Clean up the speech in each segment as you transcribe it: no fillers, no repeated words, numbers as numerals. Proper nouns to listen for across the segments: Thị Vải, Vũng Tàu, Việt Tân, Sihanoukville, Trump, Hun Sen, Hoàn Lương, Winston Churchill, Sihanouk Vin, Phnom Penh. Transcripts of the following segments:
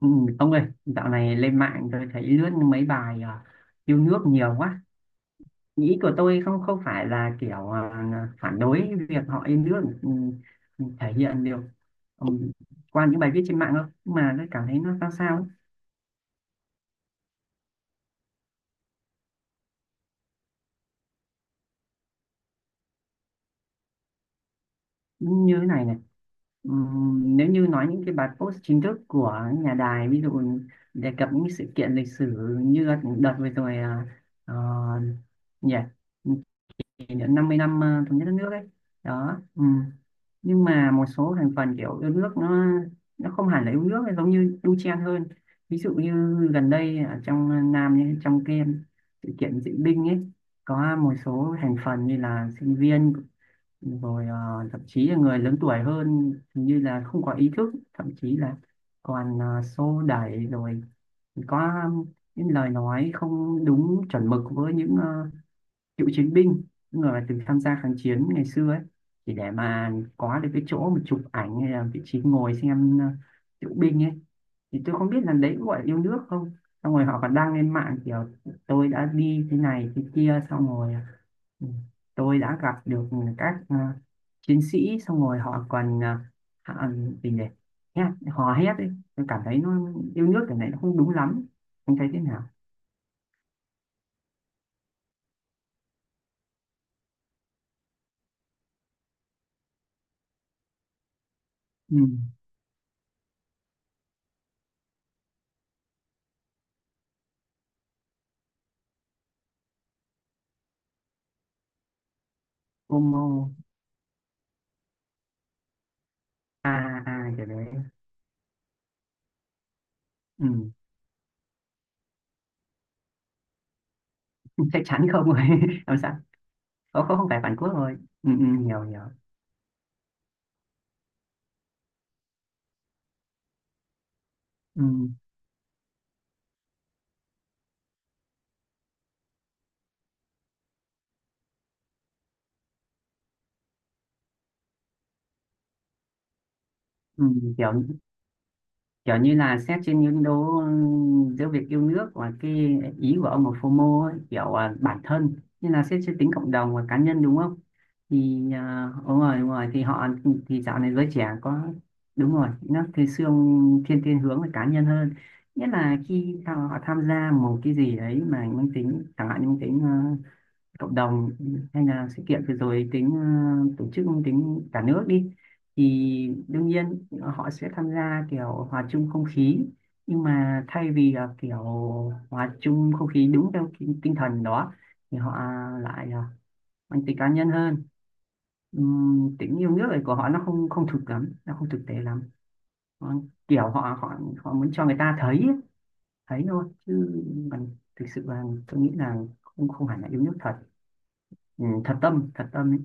Ừ, ông ơi, dạo này lên mạng tôi thấy lướt mấy bài yêu nước nhiều quá. Ý của tôi không không phải là kiểu phản đối việc họ yêu nước, thể hiện được, ừ, qua những bài viết trên mạng đâu, mà tôi cảm thấy nó sao sao ấy. Như thế này này. Ừ, nếu như nói những cái bài post chính thức của nhà đài, ví dụ đề cập những sự kiện lịch sử như đợt vừa rồi ờ, nhỉ, kỷ niệm 50 năm thống nhất đất nước ấy. Đó. Ừ, nhưng mà một số thành phần kiểu yêu nước nó không hẳn là yêu nước, nó giống như đu chen hơn. Ví dụ như gần đây ở trong Nam nhé, trong cái sự kiện diễu binh ấy có một số thành phần như là sinh viên, rồi thậm chí là người lớn tuổi hơn, hình như là không có ý thức, thậm chí là còn xô đẩy, rồi có những lời nói không đúng chuẩn mực với những cựu chiến binh, những người mà từng tham gia kháng chiến ngày xưa ấy, chỉ để mà có được cái chỗ mà chụp ảnh hay là vị trí ngồi xem diễu binh ấy. Thì tôi không biết là đấy có gọi là yêu nước không. Xong rồi họ còn đăng lên mạng kiểu tôi đã đi thế này thế kia, xong rồi, ừ, tôi đã gặp được các chiến sĩ, xong rồi họ còn họ, gì nhỉ, hò hét ấy. Tôi cảm thấy nó yêu nước, cái này nó không đúng lắm. Anh thấy thế nào? Ừ. Como. À à, cái đấy. Ừ. Chắc chắn không rồi. Làm sao. Không, không phải bản Quốc rồi. Ừ, ừ, hiểu hiểu. Ừ, ừ, kiểu kiểu như là xét trên những đố, giữa việc yêu nước và cái ý của ông là FOMO ấy, kiểu bản thân, như là xét trên tính cộng đồng và cá nhân, đúng không? Thì đúng rồi đúng rồi, thì họ, thì dạo này giới trẻ có, đúng rồi, nó thì xương thiên thiên hướng về cá nhân hơn. Nghĩa là khi họ tham gia một cái gì đấy mà mang tính, chẳng hạn như mang tính cộng đồng, hay là sự kiện vừa rồi tính tổ chức, tính cả nước đi, thì đương nhiên họ sẽ tham gia kiểu hòa chung không khí. Nhưng mà thay vì là kiểu hòa chung không khí đúng theo tinh tinh thần đó, thì họ lại mang tính cá nhân hơn. Tính yêu nước này của họ nó không không thực lắm, nó không thực tế lắm. Nó kiểu họ họ họ muốn cho người ta thấy ấy, thấy thôi chứ còn thực sự là tôi nghĩ là không không hẳn là yêu nước thật. Ừ, thật tâm ấy.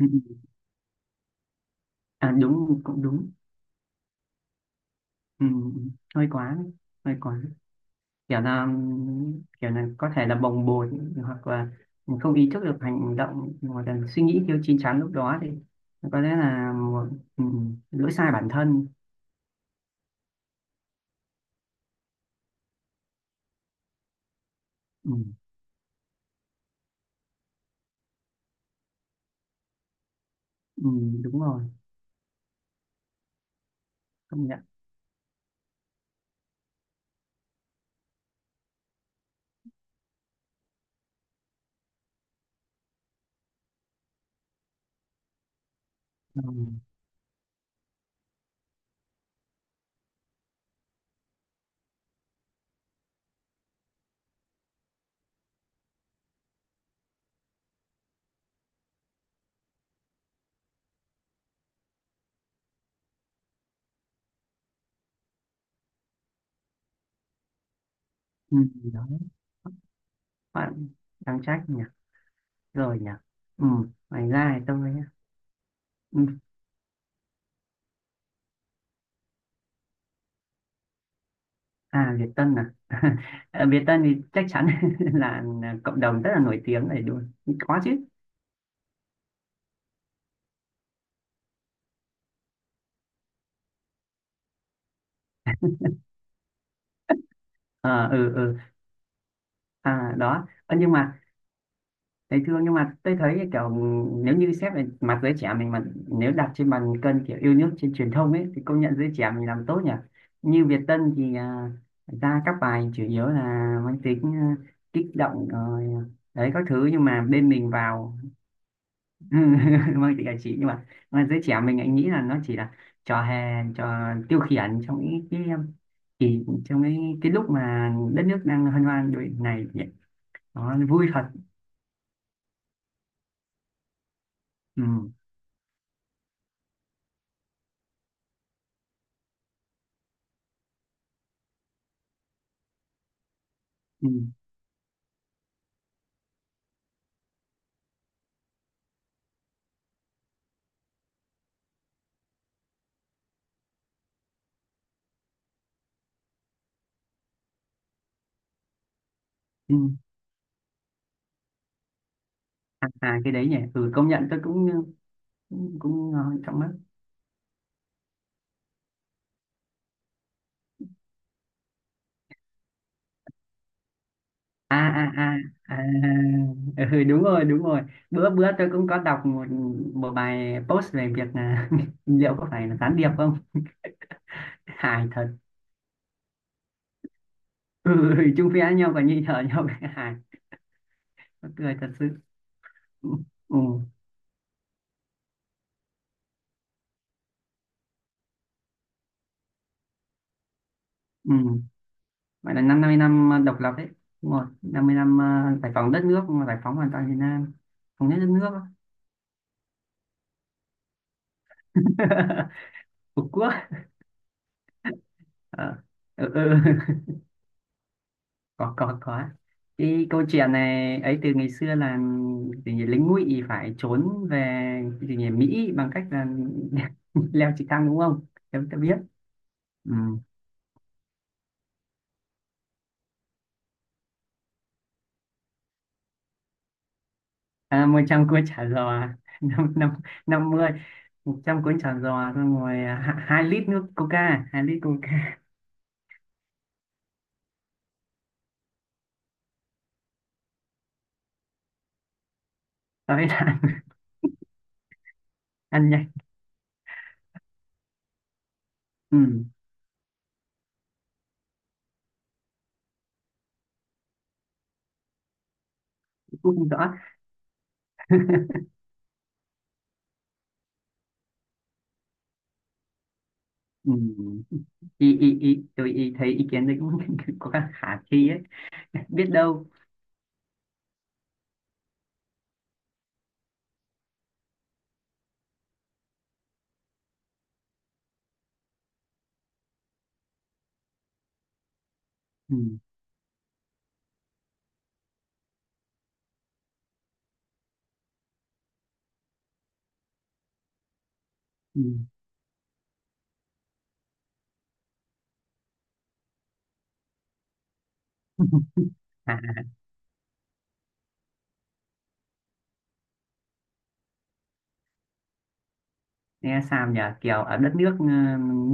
Ừ. À, đúng cũng đúng. ừ, Hơi quá, hơi quá. Kiểu là kiểu là có thể là bồng bột, hoặc là mình không ý thức được hành động, hoặc là suy nghĩ thiếu chín chắn lúc đó, thì có lẽ là một lỗi sai bản thân. Ừm, đúng rồi, công nhận. Ừm, đó, bạn đang trách nhỉ, rồi nhỉ. Ngoài ra thì tôi, ừm, à, Việt Tân à. Ờ, Việt Tân thì chắc chắn là cộng đồng rất là nổi tiếng này, đúng không? Có chứ. À, ừ ừ. À, đó. Ơ, nhưng mà thầy thương, nhưng mà tôi thấy kiểu, nếu như xét về mặt giới trẻ mình, mà nếu đặt trên bàn cân kiểu yêu nước trên truyền thông ấy, thì công nhận giới trẻ mình làm tốt nhỉ. Như Việt Tân thì ra các bài chủ yếu là mang tính kích động rồi đấy các thứ, nhưng mà bên mình vào mang tính giải trí. Nhưng mà giới trẻ mình lại nghĩ là nó chỉ là trò hề, trò tiêu khiển trong những cái trong cái lúc mà đất nước đang hân hoan như này. Đó, vui thật. Ừ. Ừ. Ừ. À, à, cái đấy nhỉ. Ừ, Công nhận tôi cũng, cũng ngon trong mắt. À à à à à. Ừ, đúng rồi đúng rồi. Bữa bữa tôi cũng có đọc một một bài post về việc là liệu có phải là gián điệp không. Hài thật. Ừ, chung phe nhau còn nhị thở nhau cái hài. Mắc cười thật sự. Ừ ừ ừ. Vậy là năm 50 năm độc lập đấy. Đúng rồi 50 năm giải phóng đất nước, giải phóng hoàn toàn Việt Nam, thống nhất đất nước. Phục quốc. Ờ, ừ, ừ, có có. Cái câu chuyện này ấy từ ngày xưa là gì nhỉ, lính ngụy phải trốn về cái gì nhỉ, Mỹ, bằng cách là leo trực thăng, đúng không em ta biết. Ừ. À, 100 cuốn chả giò. năm năm 50 100 cuốn chả giò, xong rồi 2 lít coca. Tới là ăn nhanh. Ừ. Cũng không rõ. Ừ. ý, ý, ý, tôi ý thấy ý kiến đấy cũng có khả thi ấy. Biết đâu. Ừ. Ừ. À, nghe sao nhỉ, kiểu ở đất nước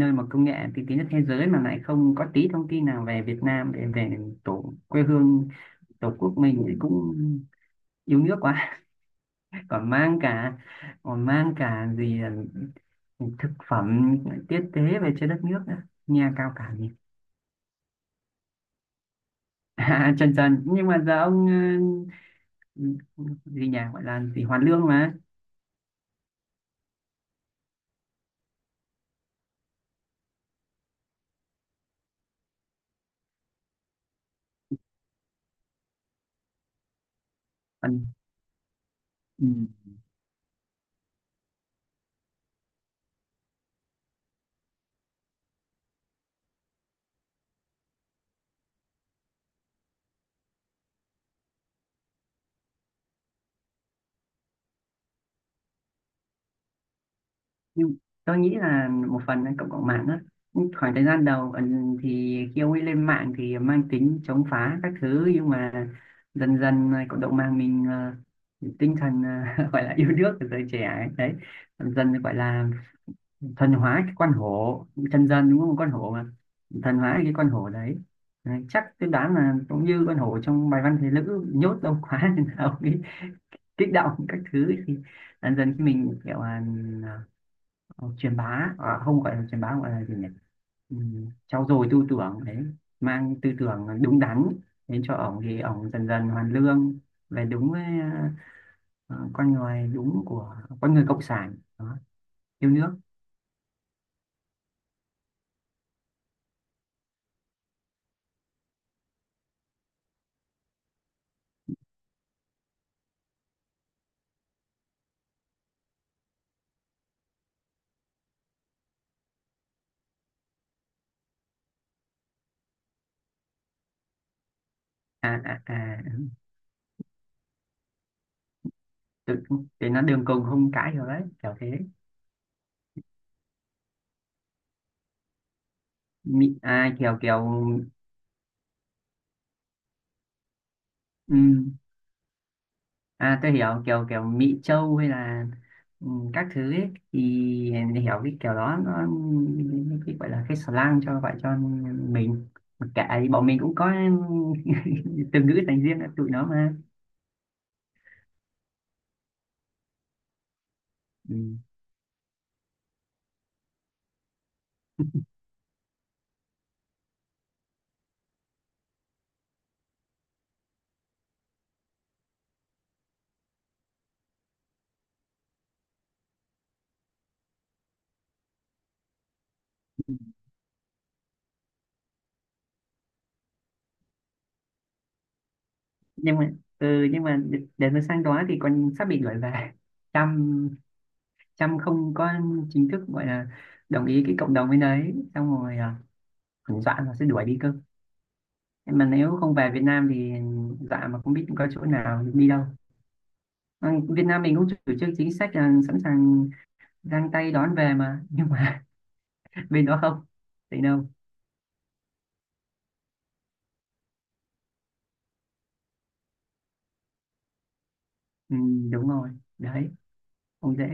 nơi mà công nghệ tiên tiến nhất thế giới mà lại không có tí thông tin nào về Việt Nam để về tổ quê hương tổ quốc mình thì cũng yêu nước quá. còn mang cả Còn mang cả gì là thực phẩm tiết tế về cho đất nước nữa, nghe cao cả nhỉ. À, trần trần, nhưng mà giờ ông, ờ, gì nhỉ, gọi là gì, Hoàn Lương mà. Còn, ừ, nhưng tôi nghĩ là một phần là cộng đồng mạng đó. Nhưng khoảng thời gian đầu thì khi ông ấy lên mạng thì mang tính chống phá các thứ, nhưng mà dần dần là cộng đồng mạng mình, tinh thần gọi là yêu nước của giới trẻ ấy. Đấy, dần dần gọi là thần hóa cái con hổ chân dân, đúng không, con hổ mà, thần hóa cái con hổ đấy. Đấy, chắc tôi đoán là cũng như con hổ trong bài văn Thế Lữ nhốt lâu quá nên là ông ấy kích động các thứ, thì dần dần khi mình kiểu là Ờ, truyền bá, không, gọi là truyền bá, gọi là gì nhỉ, ừ, trau dồi tư tưởng đấy, mang tư tưởng đúng đắn đến cho ổng thì ổng dần dần hoàn lương, về đúng với ờ, con người đúng của con người cộng sản đó, yêu nước. À à à. Tự thế nó đường cùng không cãi được đấy, kiểu thế. Mị, kiểu kiểu, ừ, À, tôi hiểu. Kiểu kiểu Mỹ Châu hay là, ừ, các thứ ấy, thì để hiểu cái kiểu đó nó, cái gọi là cái slang cho gọi cho mình. Mặc kệ thì bọn mình cũng có từ ngữ dành riêng cho tụi nó mà. Ừ. Nhưng mà, để mà sang đó thì còn sắp bị đuổi về. Trump Trump không có chính thức gọi là đồng ý cái cộng đồng bên đấy, xong rồi còn dọa là sẽ đuổi đi cơ. Mà nếu không về Việt Nam thì, dọa mà không biết có chỗ nào đi đâu. Ừ, Việt Nam mình cũng chủ trương chính sách là sẵn sàng giang tay đón về mà, nhưng mà bên đó không thì đâu. Ừ, đúng rồi. Đấy, không dễ.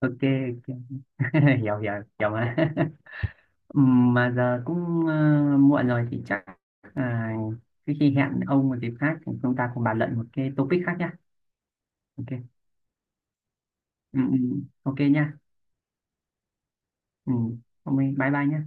Ok, ok. Hiểu hiểu, hiểu mà. Ừ, mà giờ cũng muộn rồi thì chắc, à, cái, khi hẹn ông một dịp khác thì chúng ta cùng bàn luận một cái topic khác nhá. Ok. Ừ, ừ. Ok nhá. Ừ, ông ơi, bye bye nhá.